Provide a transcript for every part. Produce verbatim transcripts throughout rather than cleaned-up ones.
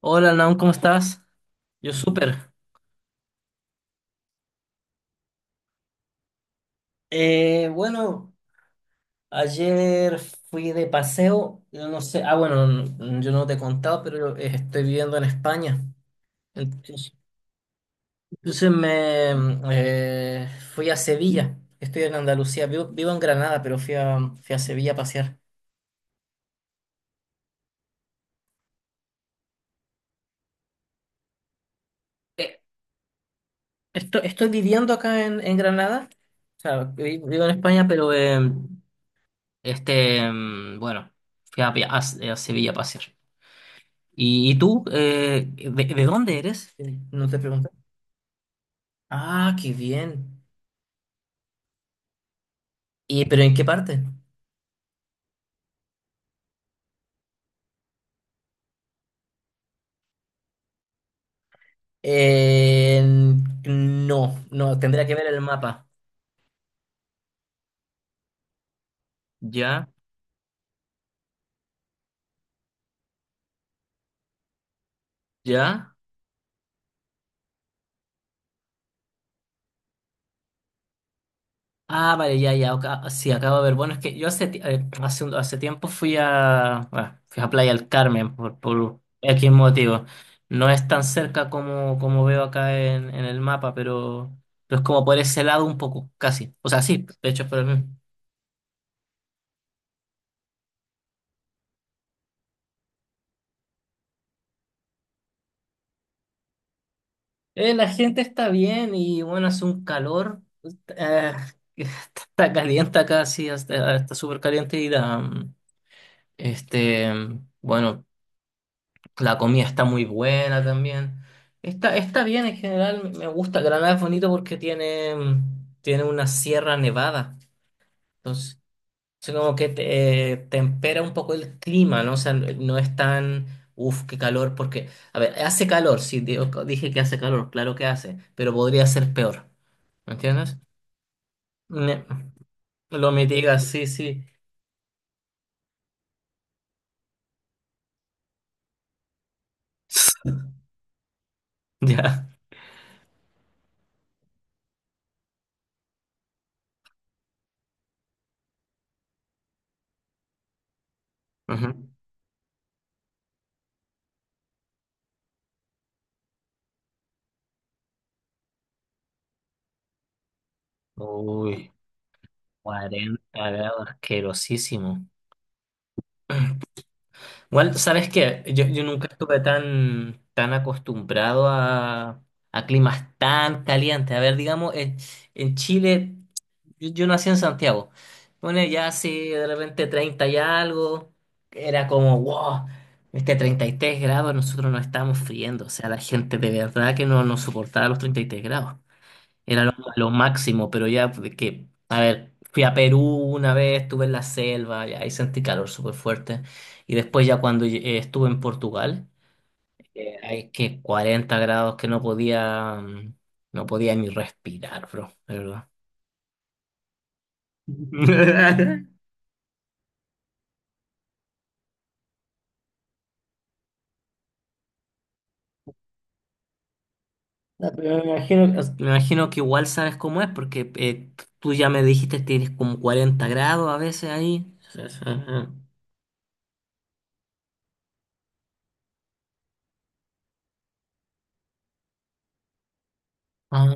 Hola, Naum, ¿cómo estás? Yo súper. Eh, bueno, ayer fui de paseo, yo no sé, ah, bueno, n- yo no te he contado, pero eh, estoy viviendo en España. Entonces, entonces me mm, eh, fui a Sevilla, estoy en Andalucía, vivo, vivo en Granada, pero fui a, fui a Sevilla a pasear. Eh, esto- Estoy viviendo acá en, en Granada, o sea, vi- vivo en España, pero eh, este, mm, bueno, fui a, a a Sevilla a pasear. ¿Y, y tú, eh, de, de dónde eres? Eh, No te pregunté. Ah, qué bien. ¿Y pero en qué parte? En- no, no, tendría que ver el mapa. ¿Ya? ¿Ya? Ah, vale, ya, ya. Ok, ah, sí, acabo de ver. Bueno, es que yo hace, ti- eh, hace, un- hace tiempo fui a, bueno, fui a Playa del Carmen por, por X motivo. No es tan cerca como, como veo acá en, en el mapa, pero, pero es como por ese lado un poco, casi. O sea, sí, de hecho, es por el mismo. Eh, la gente está bien y bueno, hace un calor. eh, Está caliente acá, sí, hasta- está súper caliente y la, mm, este, mm, bueno, la comida está muy buena también. Está, está bien en general, me gusta. Granada es bonito porque tiene, mm, tiene una sierra nevada. Entonces, es como que te, eh, tempera un poco el clima, ¿no? O sea, no es tan, uff, qué calor, porque, a ver, hace calor, sí, digo- dije que hace calor, claro que hace, pero podría ser peor. ¿Me entiendes? Ne- lo mitigas, sí, sí. Ya. Ujú. Uy, cuarenta grados, asquerosísimo. Igual, ¿sabes qué? Yo, yo nunca estuve tan, tan acostumbrado a, a climas tan calientes. A ver, digamos, en, en Chile. Yo, yo nací en Santiago. Bueno, ya así de repente treinta y algo, era como, wow, este treinta y tres grados, nosotros nos estábamos friendo. O sea, la gente de verdad que no nos soportaba los treinta y tres grados. Era lo, lo máximo, pero ya de que, a ver, fui a Perú una vez, estuve en la selva, y ahí sentí calor súper fuerte. Y después ya cuando eh, estuve en Portugal, eh, hay que cuarenta grados que no podía, mm, no podía ni respirar, bro, de verdad. No, pero me imagino, me imagino que igual sabes cómo es, porque eh, tú ya me dijiste que tienes como cuarenta grados a veces ahí. Sí, sí, sí. Ah,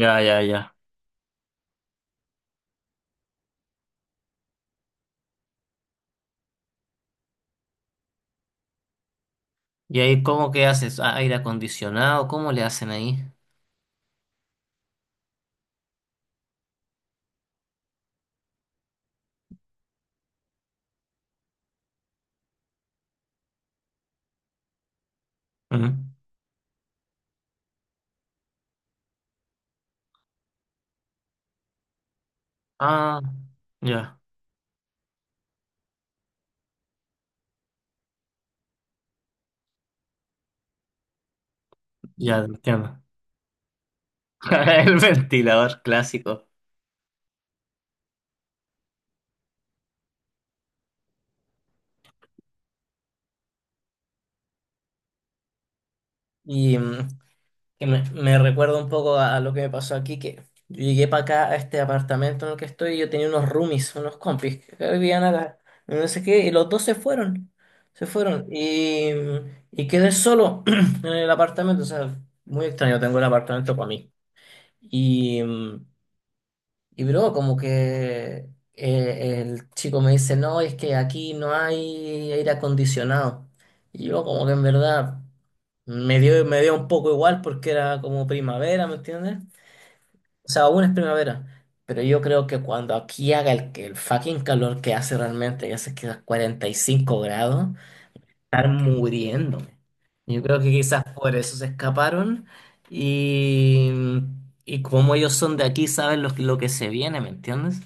ya, ya, ya. ¿Y ahí cómo que haces? ¿A- ¿Aire acondicionado? ¿Cómo le hacen ahí? Ujú. Ah, ya, ya, entiendo. El ventilador clásico. Y, mm, que me, me recuerda un poco a, a lo que me pasó aquí, que yo llegué para acá a este apartamento en el que estoy y yo tenía unos roomies, unos compis que vivían acá, y no sé qué, y los dos se fueron, se fueron, y, y quedé solo en el apartamento, o sea, muy extraño, tengo el apartamento para mí. Y, mm, y bro, como que eh, el chico me dice, no, es que aquí no hay aire acondicionado. Y yo como que en verdad me dio, me dio un poco igual porque era como primavera, ¿me entiendes? O sea, aún es primavera. Pero yo creo que cuando aquí haga el, que- el fucking calor que hace realmente, que hace quizás 45 grados, estar muriéndome. Yo creo que quizás por eso se escaparon y, y como ellos son de aquí, saben lo, que- lo que se viene, ¿me entiendes?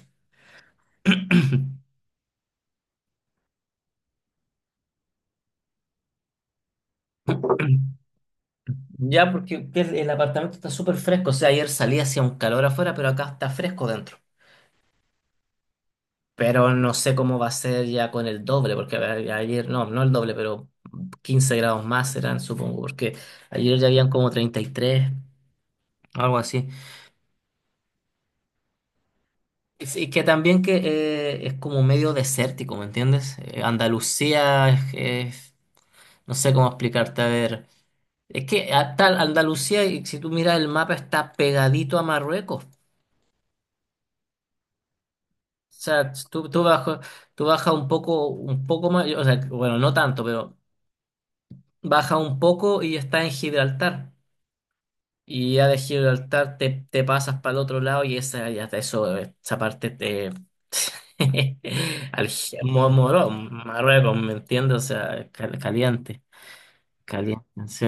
Ya, porque el el apartamento está súper fresco. O sea, ayer salí hacía un calor afuera, pero acá está fresco dentro. Pero no sé cómo va a ser ya con el doble, porque a- ayer, no, no el doble, pero quince grados más serán, supongo, porque ayer ya habían como treinta y tres, algo así. Y sí, que también que eh, es como medio desértico, ¿me entiendes? Eh, Andalucía es, es- no sé cómo explicarte, a ver. Es que hasta Andalucía, y si tú miras el mapa, está pegadito a Marruecos. O sea, tú, tú bajo, tú baja un poco, un poco más, o sea, bueno, no tanto, pero baja un poco y está en Gibraltar. Y ya de Gibraltar te, te pasas para el otro lado y esa, ya te- eso, esa parte te... Al Mo- Moro- Marruecos, ¿me entiendes? O sea, cal- caliente, caliente, sí.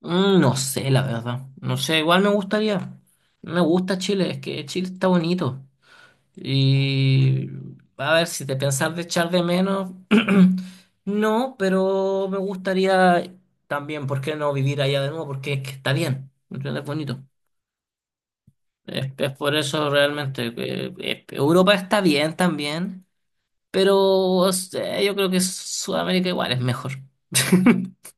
Mm, No sé, la verdad. No sé, igual me gustaría. Me gusta Chile, es que Chile está bonito. Y a ver, si te pensás de echar de menos, no, pero me gustaría también, ¿por qué no vivir allá de nuevo? Porque es que está bien, ¿me entiendes? Es bonito. Es, es por eso realmente que eh, Europa está bien también, pero o sea, yo creo que Sudamérica igual es mejor.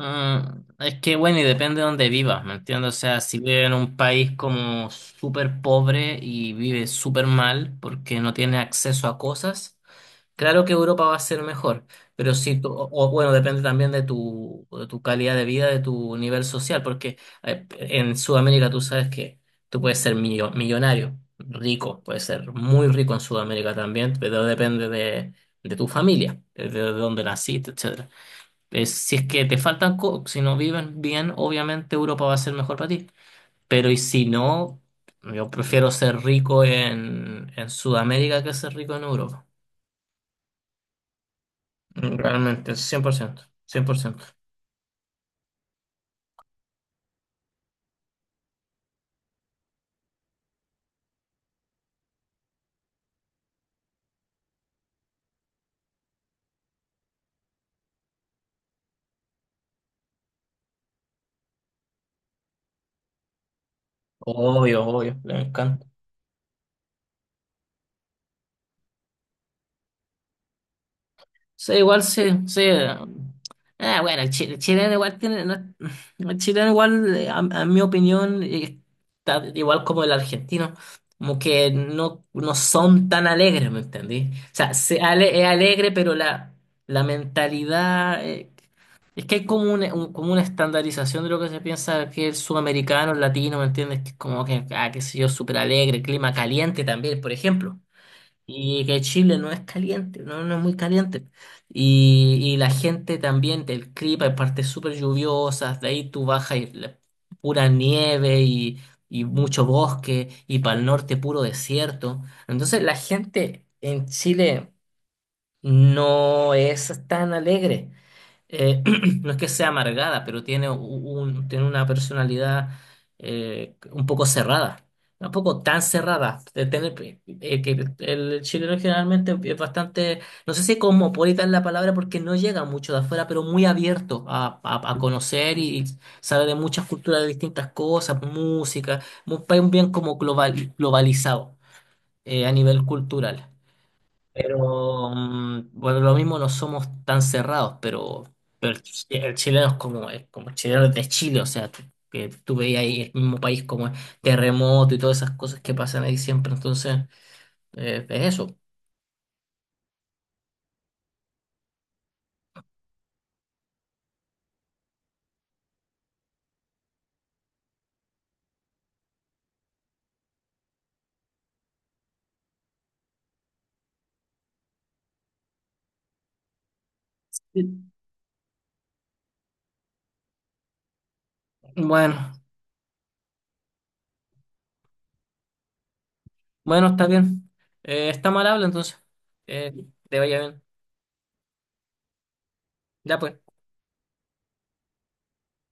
Mm, es que bueno, y depende de dónde vivas, ¿me entiendes? O sea, si vives en un país como súper pobre y vives súper mal porque no tienes acceso a cosas. Claro que Europa va a ser mejor, pero si tú, o, o, bueno, depende también de tu, de tu calidad de vida, de tu nivel social, porque eh, en Sudamérica tú sabes que tú puedes ser millo- millonario, rico, puedes ser muy rico en Sudamérica también, pero depende de, de tu familia, de, de dónde naciste, etcétera. Eh, si es que te faltan, co- si no viven bien, obviamente Europa va a ser mejor para ti, pero y si no, yo prefiero ser rico en, en Sudamérica que ser rico en Europa. Mm, Realmente, cien cien por ciento cien por ciento. Obvio, obvio, le encanta. Sí, igual sí, sí. Ah, bueno, el, chi- el chileno igual tiene, no- el chileno igual, eh, a, a mi opinión, eh, está igual como el argentino, como que no, no son tan alegres, ¿me entendí? O sea, se ale- es alegre, pero la, la mentalidad eh, es que hay como una, un- como una estandarización de lo que se piensa que el sudamericano, el latino, ¿me entiendes? Que es como que, ah, qué sé yo, súper alegre, clima caliente también, por ejemplo. Y que Chile no es caliente, no, no es muy caliente. Y, y la gente también, el clima, hay partes súper lluviosas, de ahí tú bajas y la- pura nieve y, y mucho bosque, y para el norte puro desierto. Entonces la gente en Chile no es tan alegre eh, no es que sea amargada, pero tiene, u- un, tiene una personalidad eh, un poco cerrada. Tampoco tan cerrada. De tener- eh, que el chileno generalmente es bastante, no sé si cosmopolita es la palabra porque no llega mucho de afuera, pero muy abierto a, a- a conocer y, y sabe de muchas culturas, de distintas cosas, música, un país bien como global, globalizado eh, a nivel cultural. Pero mm, bueno, lo mismo no somos tan cerrados, pero, pero el, chi- el chileno es como, es como el chileno es de Chile, o sea, tú- que tú veías ahí el mismo país como es terremoto y todas esas cosas que pasan ahí siempre, entonces eh, es eso. Sí. Bueno, bueno, está bien. Eh, está mal habla entonces. Eh, te vaya bien. Ya pues.